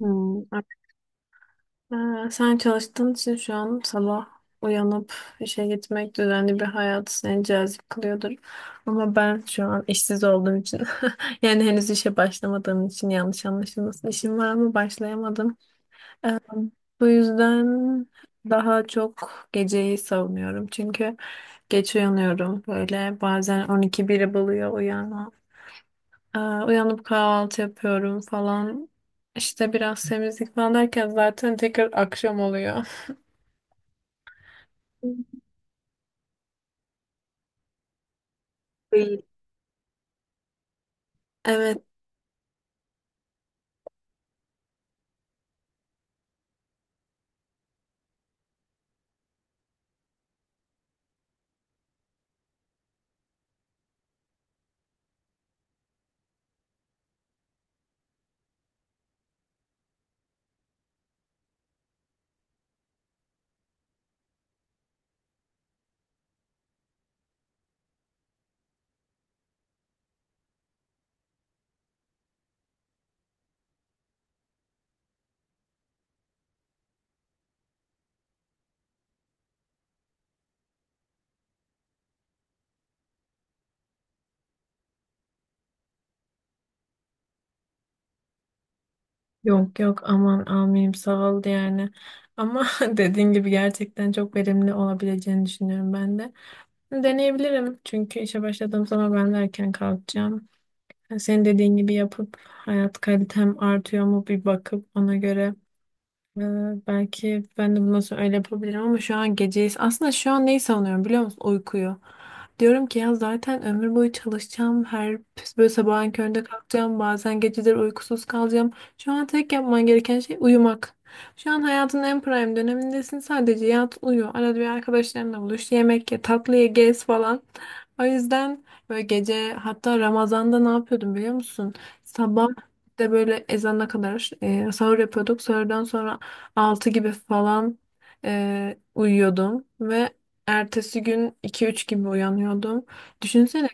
Hmm. Sen çalıştığın için şu an sabah uyanıp işe gitmek düzenli bir hayat seni cazip kılıyordur. Ama ben şu an işsiz olduğum için yani henüz işe başlamadığım için yanlış anlaşılmasın. İşim var ama başlayamadım. Bu yüzden daha çok geceyi savunuyorum. Çünkü geç uyanıyorum, böyle bazen 12 biri buluyor uyanma. Uyanıp kahvaltı yapıyorum falan. İşte biraz temizlik falan derken zaten tekrar akşam oluyor. Evet. Yok yok, aman amirim, sağ ol yani. Ama dediğin gibi gerçekten çok verimli olabileceğini düşünüyorum ben de. Deneyebilirim, çünkü işe başladığım zaman ben de erken kalkacağım. Yani senin dediğin gibi yapıp hayat kalitem artıyor mu bir bakıp ona göre. Ee, Belki ben de bundan sonra öyle yapabilirim, ama şu an geceyiz. Aslında şu an neyi savunuyorum biliyor musun? Uykuyu. Diyorum ki ya zaten ömür boyu çalışacağım. Her böyle sabahın köründe kalkacağım. Bazen geceleri uykusuz kalacağım. Şu an tek yapman gereken şey uyumak. Şu an hayatın en prime dönemindesin. Sadece yat, uyu. Arada bir arkadaşlarınla buluş. Yemek ye, tatlı ye, gez falan. O yüzden böyle gece, hatta Ramazan'da ne yapıyordum biliyor musun? Sabah de böyle ezana kadar sahur yapıyorduk. Sahurdan sonra altı gibi falan uyuyordum ve ertesi gün iki üç gibi uyanıyordum. Düşünsene,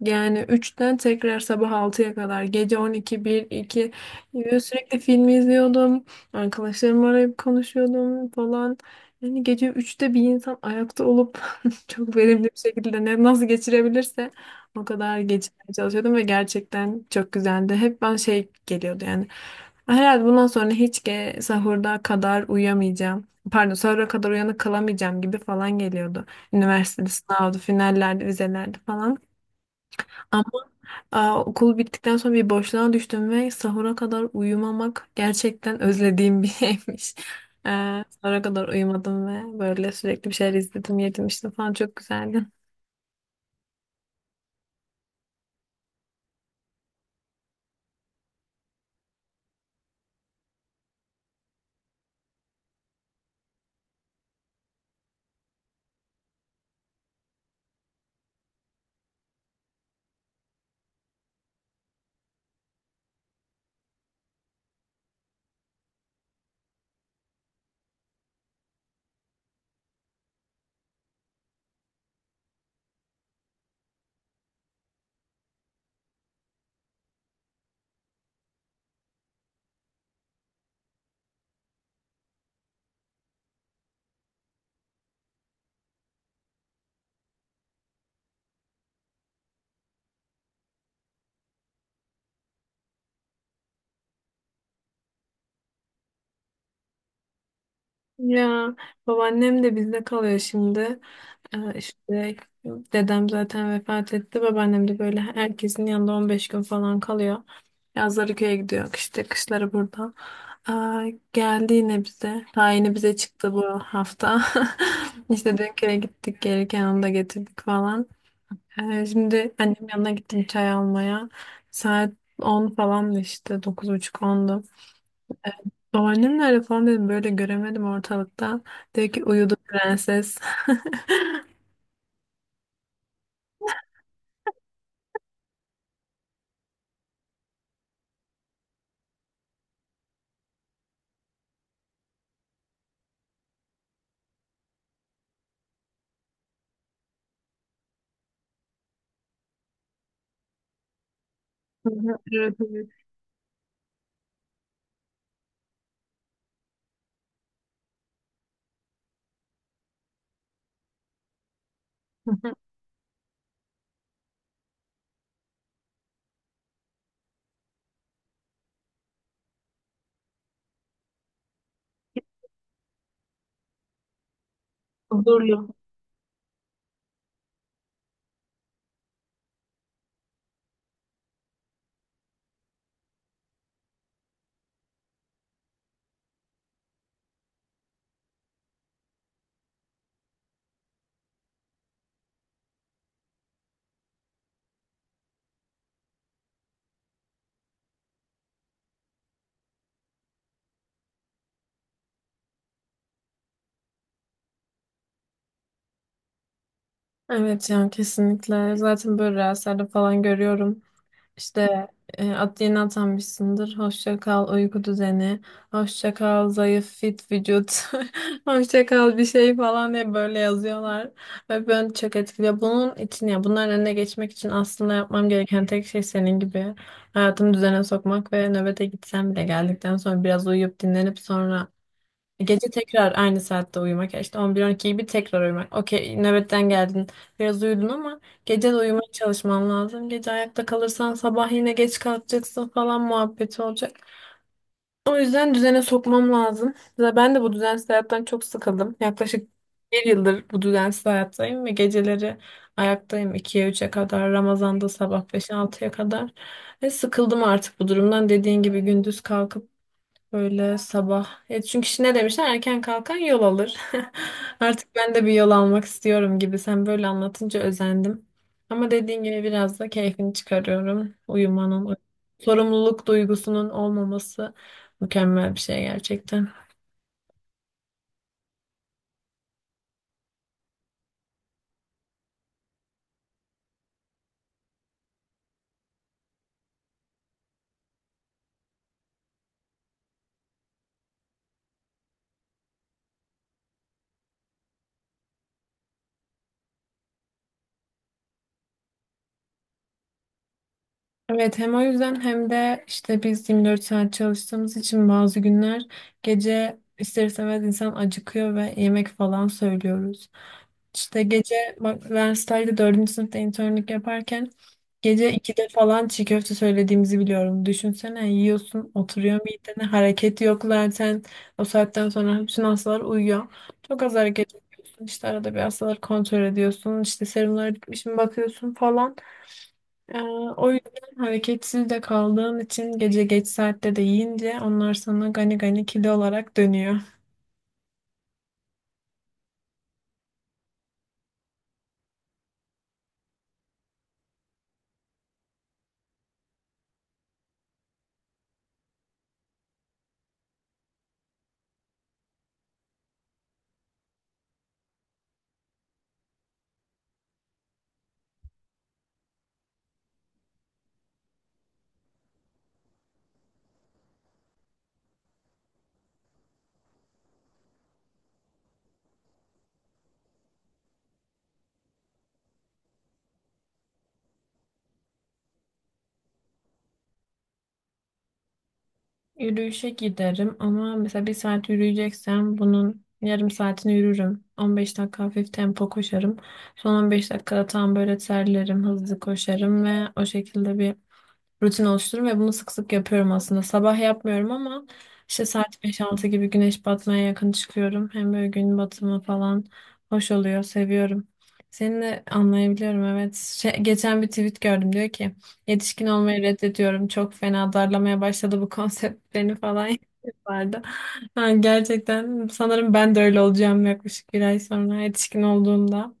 yani üçten tekrar sabah altıya kadar, gece on iki bir iki gibi sürekli film izliyordum. Arkadaşlarımı arayıp konuşuyordum falan. Yani gece üçte bir insan ayakta olup çok verimli bir şekilde ne nasıl geçirebilirse o kadar geçirmeye çalışıyordum ve gerçekten çok güzeldi. Hep ben şey geliyordu yani. Herhalde bundan sonra hiç sahurda kadar uyuyamayacağım. Pardon, sahura kadar uyanık kalamayacağım gibi falan geliyordu. Üniversitede sınavdı, finallerde, vizelerde falan. Aa, okul bittikten sonra bir boşluğa düştüm ve sahura kadar uyumamak gerçekten özlediğim bir şeymiş. Sahura kadar uyumadım ve böyle sürekli bir şeyler izledim, yedim işte falan, çok güzeldi. Ya, babaannem de bizde kalıyor şimdi. İşte dedem zaten vefat etti. Babaannem de böyle herkesin yanında 15 gün falan kalıyor. Yazları köye gidiyor, işte kışları burada. Aa, geldi yine bize. Tayini bize çıktı bu hafta. İşte dün köye gittik. Gelirken onu da getirdik falan. Şimdi annem yanına gittim çay almaya. Saat 10 falan işte. 9.30-10'du. Babaannem nerede falan dedim, böyle göremedim ortalıkta. Dedi ki uyudu prenses. Hı hı. Evet, evet. Huzurlu. Evet yani kesinlikle. Zaten böyle rüyalarda falan görüyorum. İşte at yeni atanmışsındır. Hoşça kal uyku düzeni. Hoşça kal zayıf fit vücut. Hoşça kal bir şey falan diye böyle yazıyorlar. Ve beni çok etkiliyor. Bunun için, ya bunların önüne geçmek için aslında yapmam gereken tek şey senin gibi hayatımı düzene sokmak ve nöbete gitsem bile geldikten sonra biraz uyuyup dinlenip sonra gece tekrar aynı saatte uyumak. Ya işte 11-12 gibi tekrar uyumak. Okey, nöbetten geldin. Biraz uyudun, ama gece de uyumaya çalışman lazım. Gece ayakta kalırsan sabah yine geç kalkacaksın falan muhabbeti olacak. O yüzden düzene sokmam lazım. Ve ben de bu düzensiz hayattan çok sıkıldım. Yaklaşık bir yıldır bu düzensiz hayattayım ve geceleri ayaktayım 2'ye 3'e kadar. Ramazan'da sabah 5'e 6'ya kadar. Ve sıkıldım artık bu durumdan. Dediğin gibi gündüz kalkıp böyle sabah. E çünkü işte ne demişler? Erken kalkan yol alır. Artık ben de bir yol almak istiyorum gibi. Sen böyle anlatınca özendim. Ama dediğin gibi biraz da keyfini çıkarıyorum. Uyumanın, sorumluluk duygusunun olmaması mükemmel bir şey gerçekten. Evet, hem o yüzden hem de işte biz 24 saat çalıştığımız için bazı günler gece ister istemez insan acıkıyor ve yemek falan söylüyoruz. İşte gece, bak üniversitede dördüncü sınıfta internlik yaparken gece 2'de falan çiğ köfte söylediğimizi biliyorum. Düşünsene, yiyorsun, oturuyor midene, hareket yok zaten o saatten sonra bütün hastalar uyuyor. Çok az hareket yapıyorsun, işte arada bir hastaları kontrol ediyorsun, işte serumlara gitmiş mi bakıyorsun falan. Ee, O yüzden hareketsiz de kaldığın için gece geç saatte de yiyince onlar sana gani gani kilo olarak dönüyor. Yürüyüşe giderim ama mesela bir saat yürüyeceksem bunun yarım saatini yürürüm. 15 dakika hafif tempo koşarım. Son 15 dakikada tam böyle terlerim, hızlı koşarım ve o şekilde bir rutin oluştururum ve bunu sık sık yapıyorum aslında. Sabah yapmıyorum ama işte saat beş altı gibi güneş batmaya yakın çıkıyorum. Hem böyle gün batımı falan hoş oluyor, seviyorum. Seni de anlayabiliyorum, evet. Şey, geçen bir tweet gördüm, diyor ki yetişkin olmayı reddediyorum. Çok fena darlamaya başladı bu konsept beni falan vardı. Ha, gerçekten sanırım ben de öyle olacağım yaklaşık bir ay sonra yetişkin olduğumda.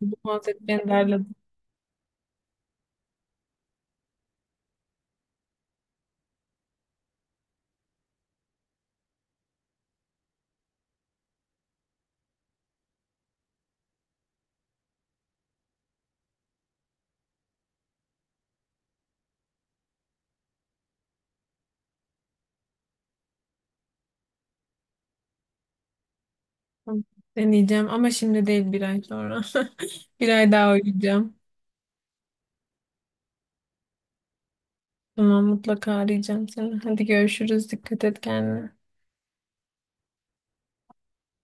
Bu konsept beni darladı. Tamam. Deneyeceğim ama şimdi değil, bir ay sonra. Bir ay daha uyuyacağım. Tamam, mutlaka arayacağım seni. Hadi görüşürüz. Dikkat et kendine.